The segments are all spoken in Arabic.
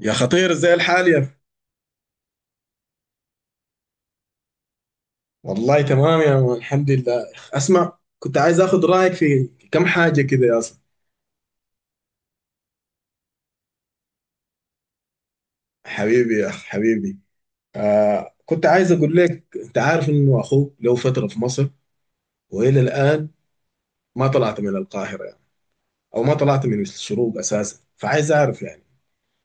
يا خطير ازاي الحال يا أخي؟ والله تمام يا مان الحمد لله. اسمع كنت عايز اخذ رايك في كم حاجه كده يا اسطى. حبيبي يا اخ حبيبي. آه كنت عايز اقول لك، انت عارف انه اخوك له فتره في مصر والى الان ما طلعت من القاهره يعني، او ما طلعت من الشروق اساسا، فعايز اعرف يعني.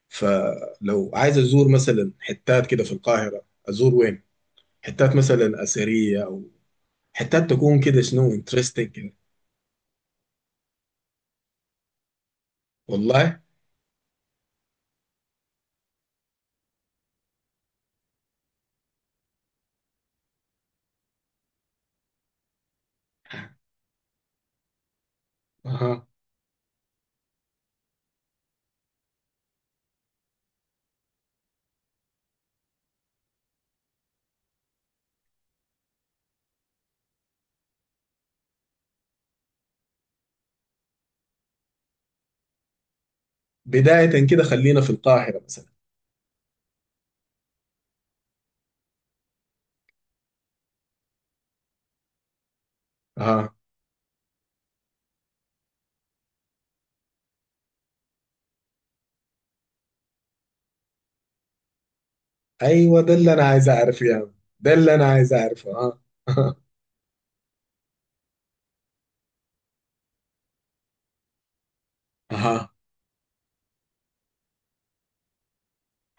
فلو عايز ازور مثلا حتات كده في القاهره ازور وين؟ حتات مثلا اثريه، او حتات تكون كده شنو انترستنج كده. والله. اها. بداية كده خلينا في القاهرة مثلا. اها. ايوه ده اللي انا عايز اعرفه يا عم. ده اللي انا عايز اعرفه. اها. اها.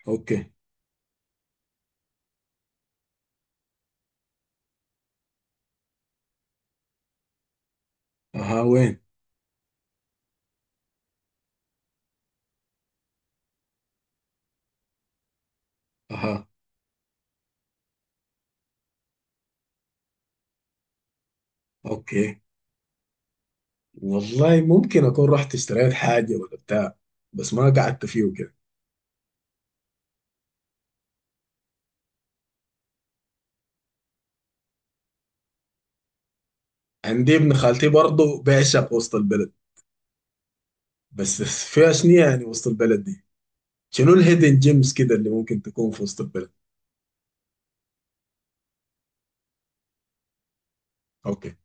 اوكي. اها، وين؟ اها. اوكي. والله ممكن اكون رحت اشتريت حاجة ولا بتاع، بس ما قعدت فيه وكده. عندي ابن خالتي برضه بيعشق وسط البلد. بس فيها شنو يعني وسط البلد دي؟ شنو الهيدن جيمز كده اللي ممكن تكون في وسط البلد؟ اوكي.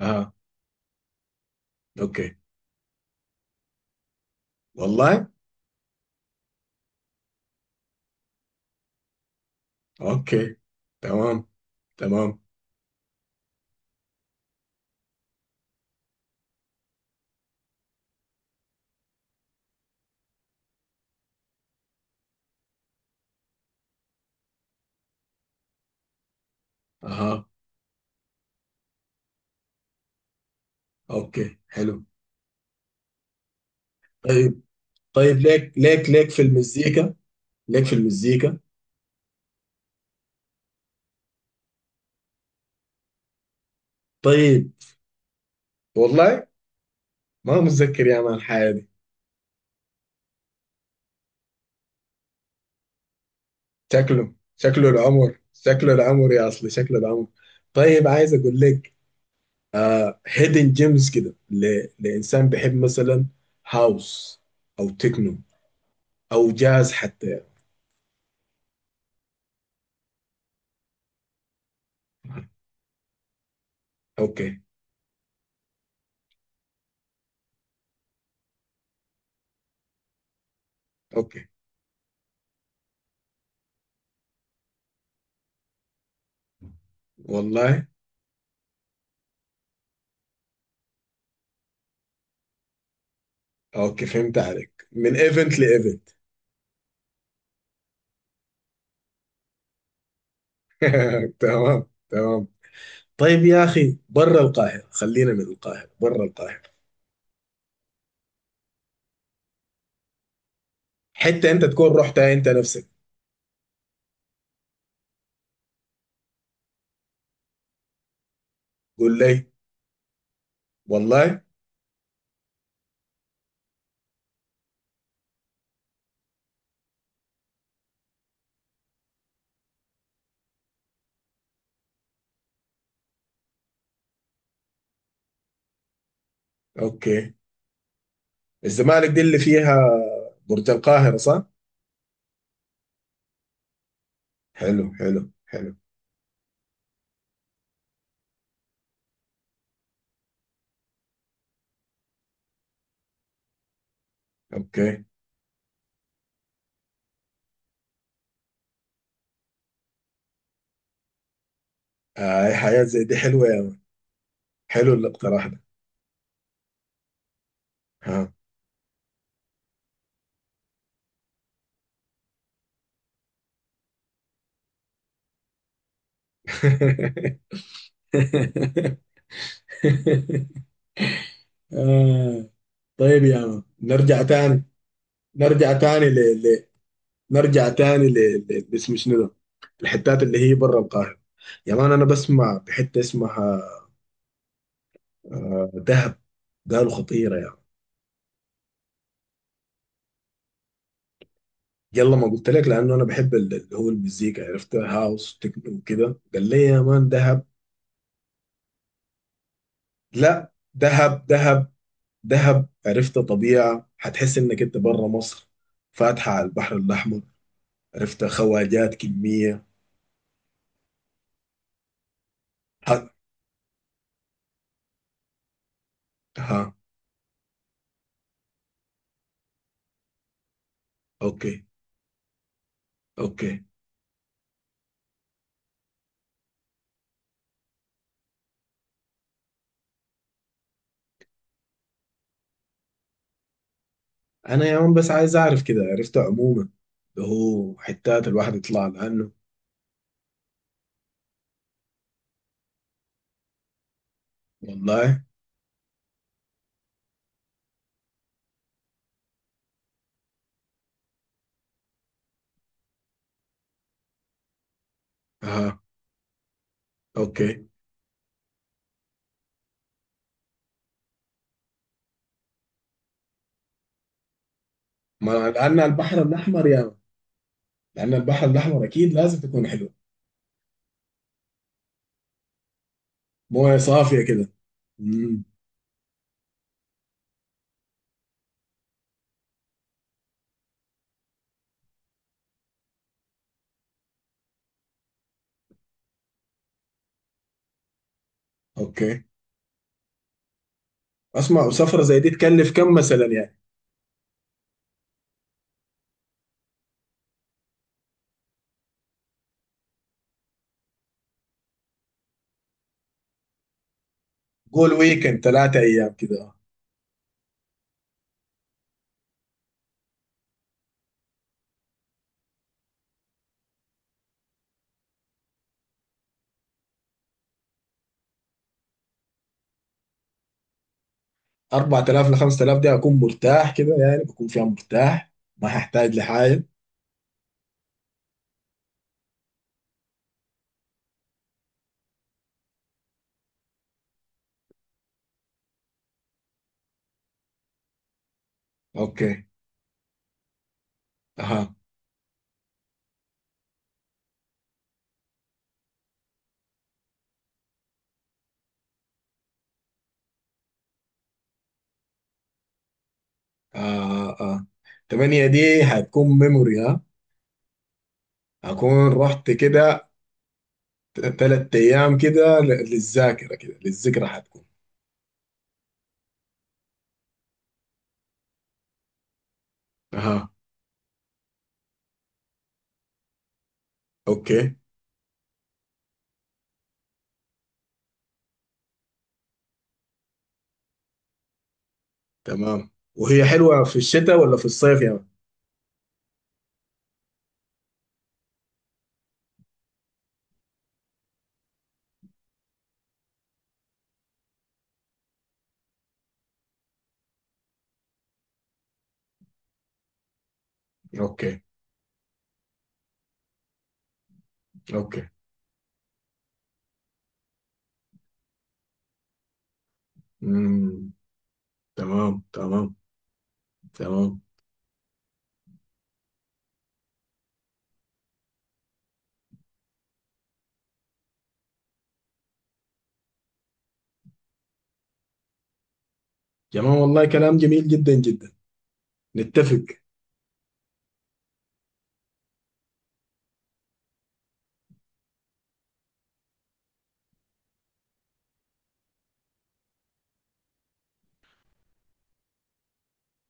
اها. اوكي. والله. اوكي. تمام. تمام. اها. اوكي، حلو. طيب. طيب، ليك في المزيكا؟ ليك في المزيكا؟ طيب. والله، ما متذكر يا مان الحياة دي. شكله شكله العمر، شكله العمر يا اصلي، شكله العمر. طيب عايز اقول لك. آه، هيدن جيمز كده لانسان بيحب مثلا هاوس او تكنو او جاز حتى يعني. اوكي. اوكي. والله. اوكي، فهمت عليك، من ايفنت لايفنت. تمام. تمام. طيب يا اخي برا القاهرة، خلينا من القاهرة برا القاهرة. حته انت تكون رحتها انت نفسك. قول لي. والله. اوكي. الزمالك دي اللي فيها برج القاهره، صح؟ حلو حلو حلو. اوكي. آه، أي حياه زي دي حلوه يا مان. حلو الاقتراح ده. ها. آه. طيب يا مان، نرجع تاني ل... نرجع تاني اسمه شنو ده؟ الحتات اللي هي برا القاهره. يا مان انا بسمع بحته اسمها، آه، دهب. قالوا خطيره يا مان. يلا ما قلت لك، لانه انا بحب اللي هو المزيكا، عرفت، هاوس تكنو وكده. قال لي يا مان دهب. لا، دهب دهب دهب، عرفت، طبيعه هتحس انك انت بره مصر، فاتحه على البحر الاحمر، عرفت، خواجات كميه. ها، ها. اوكي. اوكي. انا يا مان بس عايز اعرف كده، عرفت، عموما اللي هو حتات الواحد يطلع لانه. والله. ها. اوكي. ما لان البحر الاحمر يا مان. لان البحر الاحمر اكيد لازم تكون حلو. مويه صافيه كده. امم. اوكي. اسمع، وسفره زي دي تكلف كم مثلا يعني؟ قول ويكند 3 ايام كده. 4000 ل 5000 دي اكون مرتاح كده يعني، بكون فيها مرتاح ما هحتاج لحاجه. اوكي. اها. اه، اه. 8 دي هتكون ميموري. ها. هكون رحت كده 3 ايام، كده للذاكره، كده للذكرى هتكون. اها. اوكي. تمام. وهي حلوه في الشتاء ولا في الصيف يعني؟ اوكي. اوكي. مم. تمام. تمام. تمام. تمام والله، كلام جميل جدا جدا. نتفق.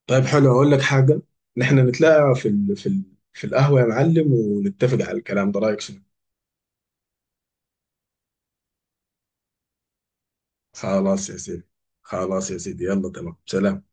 طيب حلو، اقول لك حاجه. نحن نتلاقى في القهوه يا معلم ونتفق على الكلام ده، رايك شنو؟ خلاص يا سيدي. خلاص يا سيدي، يلا، تمام، سلام.